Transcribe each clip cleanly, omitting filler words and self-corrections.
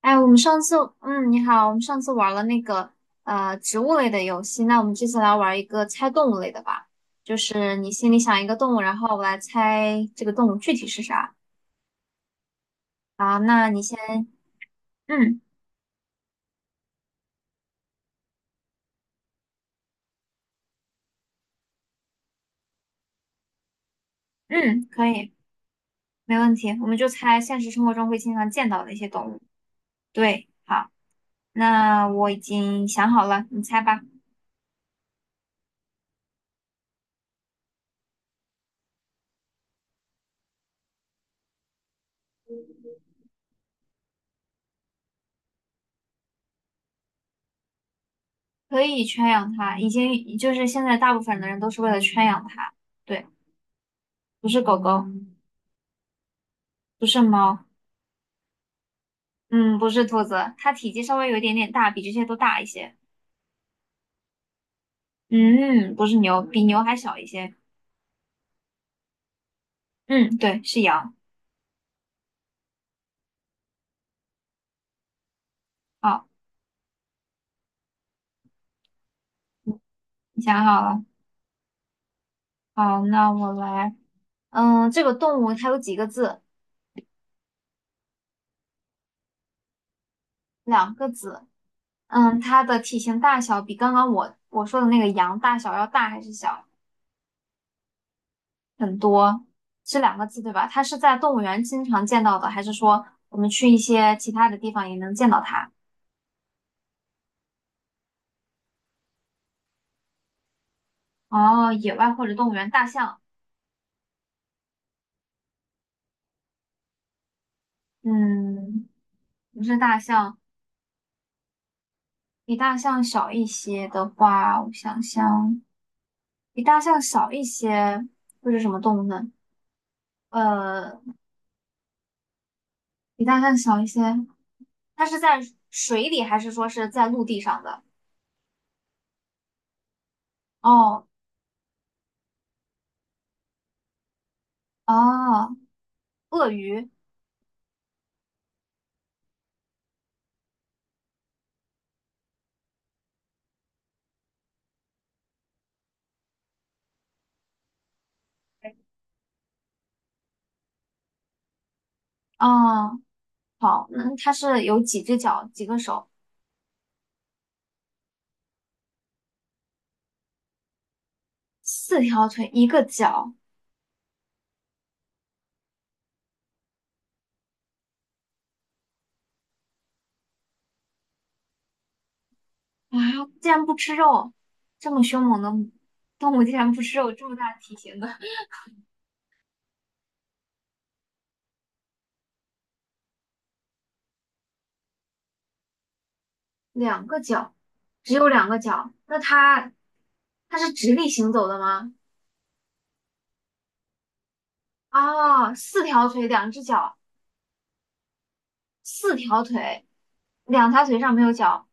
哎，我们上次，你好，我们上次玩了那个植物类的游戏，那我们这次来玩一个猜动物类的吧，就是你心里想一个动物，然后我来猜这个动物具体是啥。好，那你先，嗯嗯，可以，没问题，我们就猜现实生活中会经常见到的一些动物。对，好，那我已经想好了，你猜吧。可以圈养它，已经就是现在大部分的人都是为了圈养它，对，不是狗狗，不是猫。嗯，不是兔子，它体积稍微有一点点大，比这些都大一些。嗯，不是牛，比牛还小一些。嗯，对，是羊。好，你想好了。好，那我来。嗯，这个动物它有几个字？两个字。嗯，它的体型大小比刚刚我说的那个羊大小要大还是小？很多，是两个字对吧？它是在动物园经常见到的，还是说我们去一些其他的地方也能见到它？哦，野外或者动物园，大象。嗯，不是大象。比大象小一些的话，我想想，比大象小一些会是什么动物呢？呃，比大象小一些，它是在水里还是说是在陆地上的？哦，哦，鳄鱼，哦，好，那它是有几只脚，几个手？四条腿，一个脚啊！竟然不吃肉，这么凶猛的动物竟然不吃肉，这么大的体型的。两个脚，只有两个脚，那它它是直立行走的吗？哦，四条腿，两只脚，四条腿，两条腿上没有脚，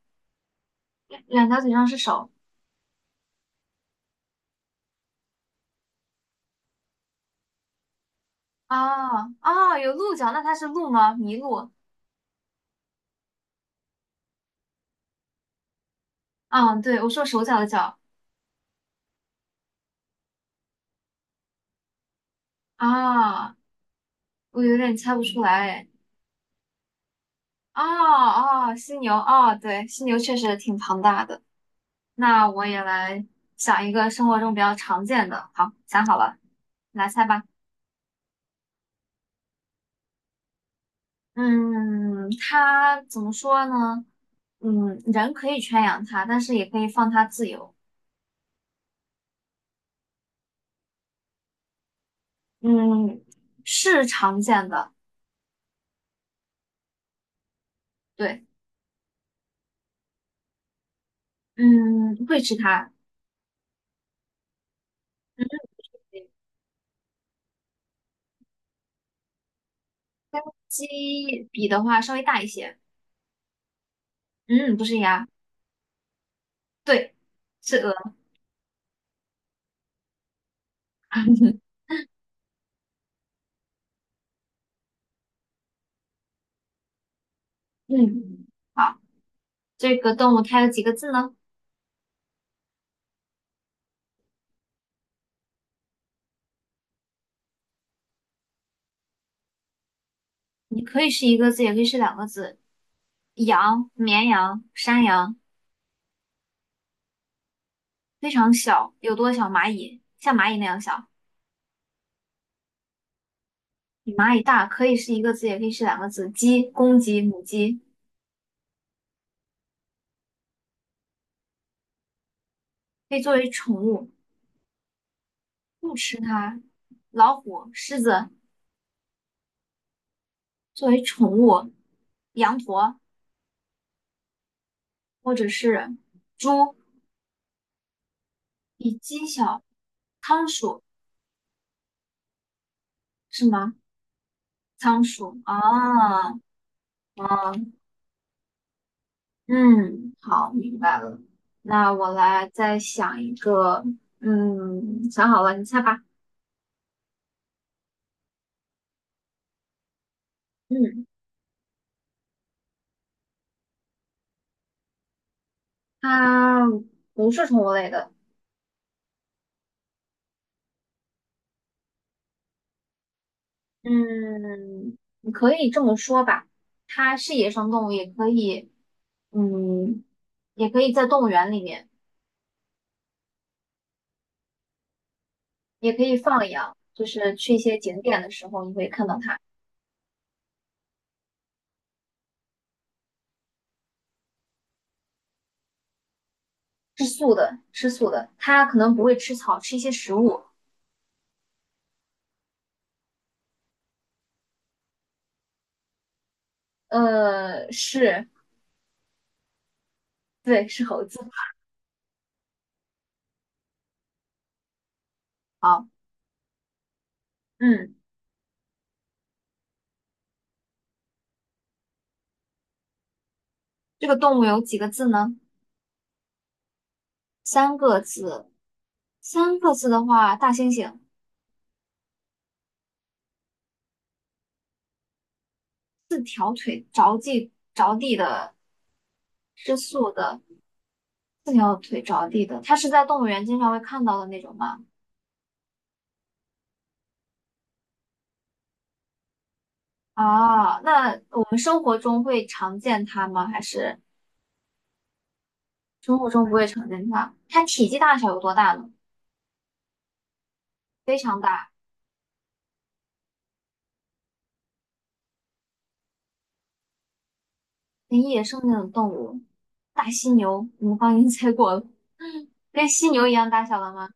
两条腿上是手。哦哦，有鹿角，那它是鹿吗？麋鹿。嗯，对，我说手脚的脚。啊、我有点猜不出来哎。哦哦，犀牛，哦，对，犀牛确实挺庞大的。那我也来想一个生活中比较常见的。好，想好了，来猜吧。嗯，它怎么说呢？嗯，人可以圈养它，但是也可以放它自由。嗯，是常见的，对，嗯，会吃它。嗯，鸡比的话稍微大一些。嗯，不是鸭，对，是鹅。嗯，好，这个动物它有几个字呢？你可以是一个字，也可以是两个字。羊、绵羊、山羊，非常小，有多小？蚂蚁，像蚂蚁那样小。比蚂蚁大，可以是一个字，也可以是两个字。鸡，公鸡、母鸡可以作为宠物，不吃它。老虎、狮子作为宠物，羊驼或者是猪，比鸡小。仓鼠是吗？仓鼠啊啊，嗯，好，明白了。那我来再想一个，嗯，想好了，你猜吧。嗯，它不是宠物类的。嗯，你可以这么说吧，它是野生动物，也可以，嗯，也可以在动物园里面，也可以放养，就是去一些景点的时候，你会看到它吃素的，吃素的，它可能不会吃草，吃一些食物。呃，是，对，是猴子。好，嗯，这个动物有几个字呢？三个字，三个字的话，大猩猩，着地着地的，吃素的。四条腿着地的，它是在动物园经常会看到的那种吗？啊，那我们生活中会常见它吗？还是生活中不会常见它？它体积大小有多大呢？非常大，跟野生那种动物，大犀牛，我们刚已经猜过了，跟犀牛一样大小的吗？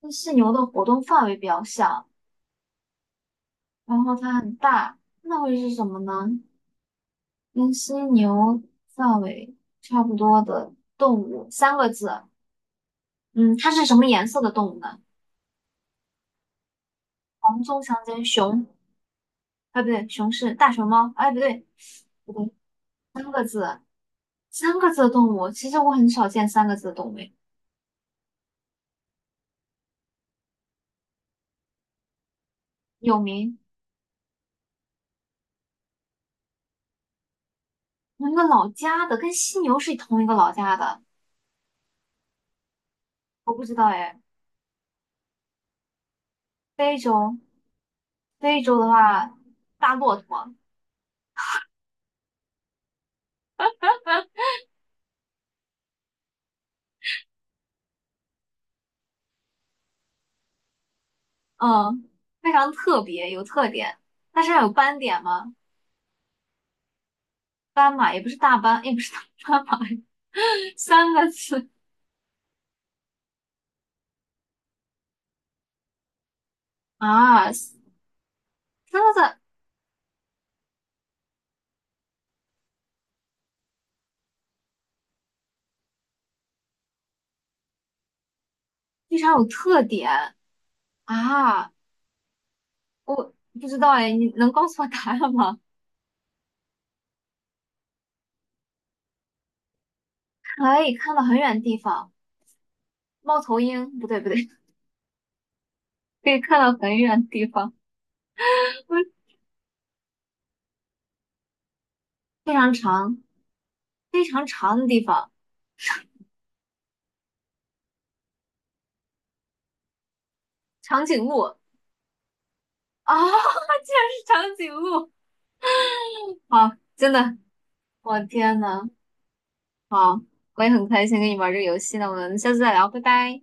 跟犀牛的活动范围比较小，然后它很大，那会是什么呢？跟犀牛范围差不多的动物，三个字，嗯，它是什么颜色的动物呢？黄棕长颈熊，哎，不对，熊是大熊猫，哎，不对，不对，三个字的动物，其实我很少见三个字的动物诶，有名，同一个老家的，跟犀牛是同一个老家的，我不知道哎。非洲，非洲的话，大骆驼，嗯，非常特别，有特点。它身上有斑点吗？斑马也不是大斑，也不是大斑马，三个字啊，三个字非常有特点啊。我不知道哎，你能告诉我答案吗？可以看到很远地方，猫头鹰，不对不对，可以看到很远地方，非常长，非常长的地方，长颈鹿啊，竟然是长颈鹿！好，真的，我天呐，好，我也很开心跟你玩这个游戏呢，我们下次再聊，拜拜。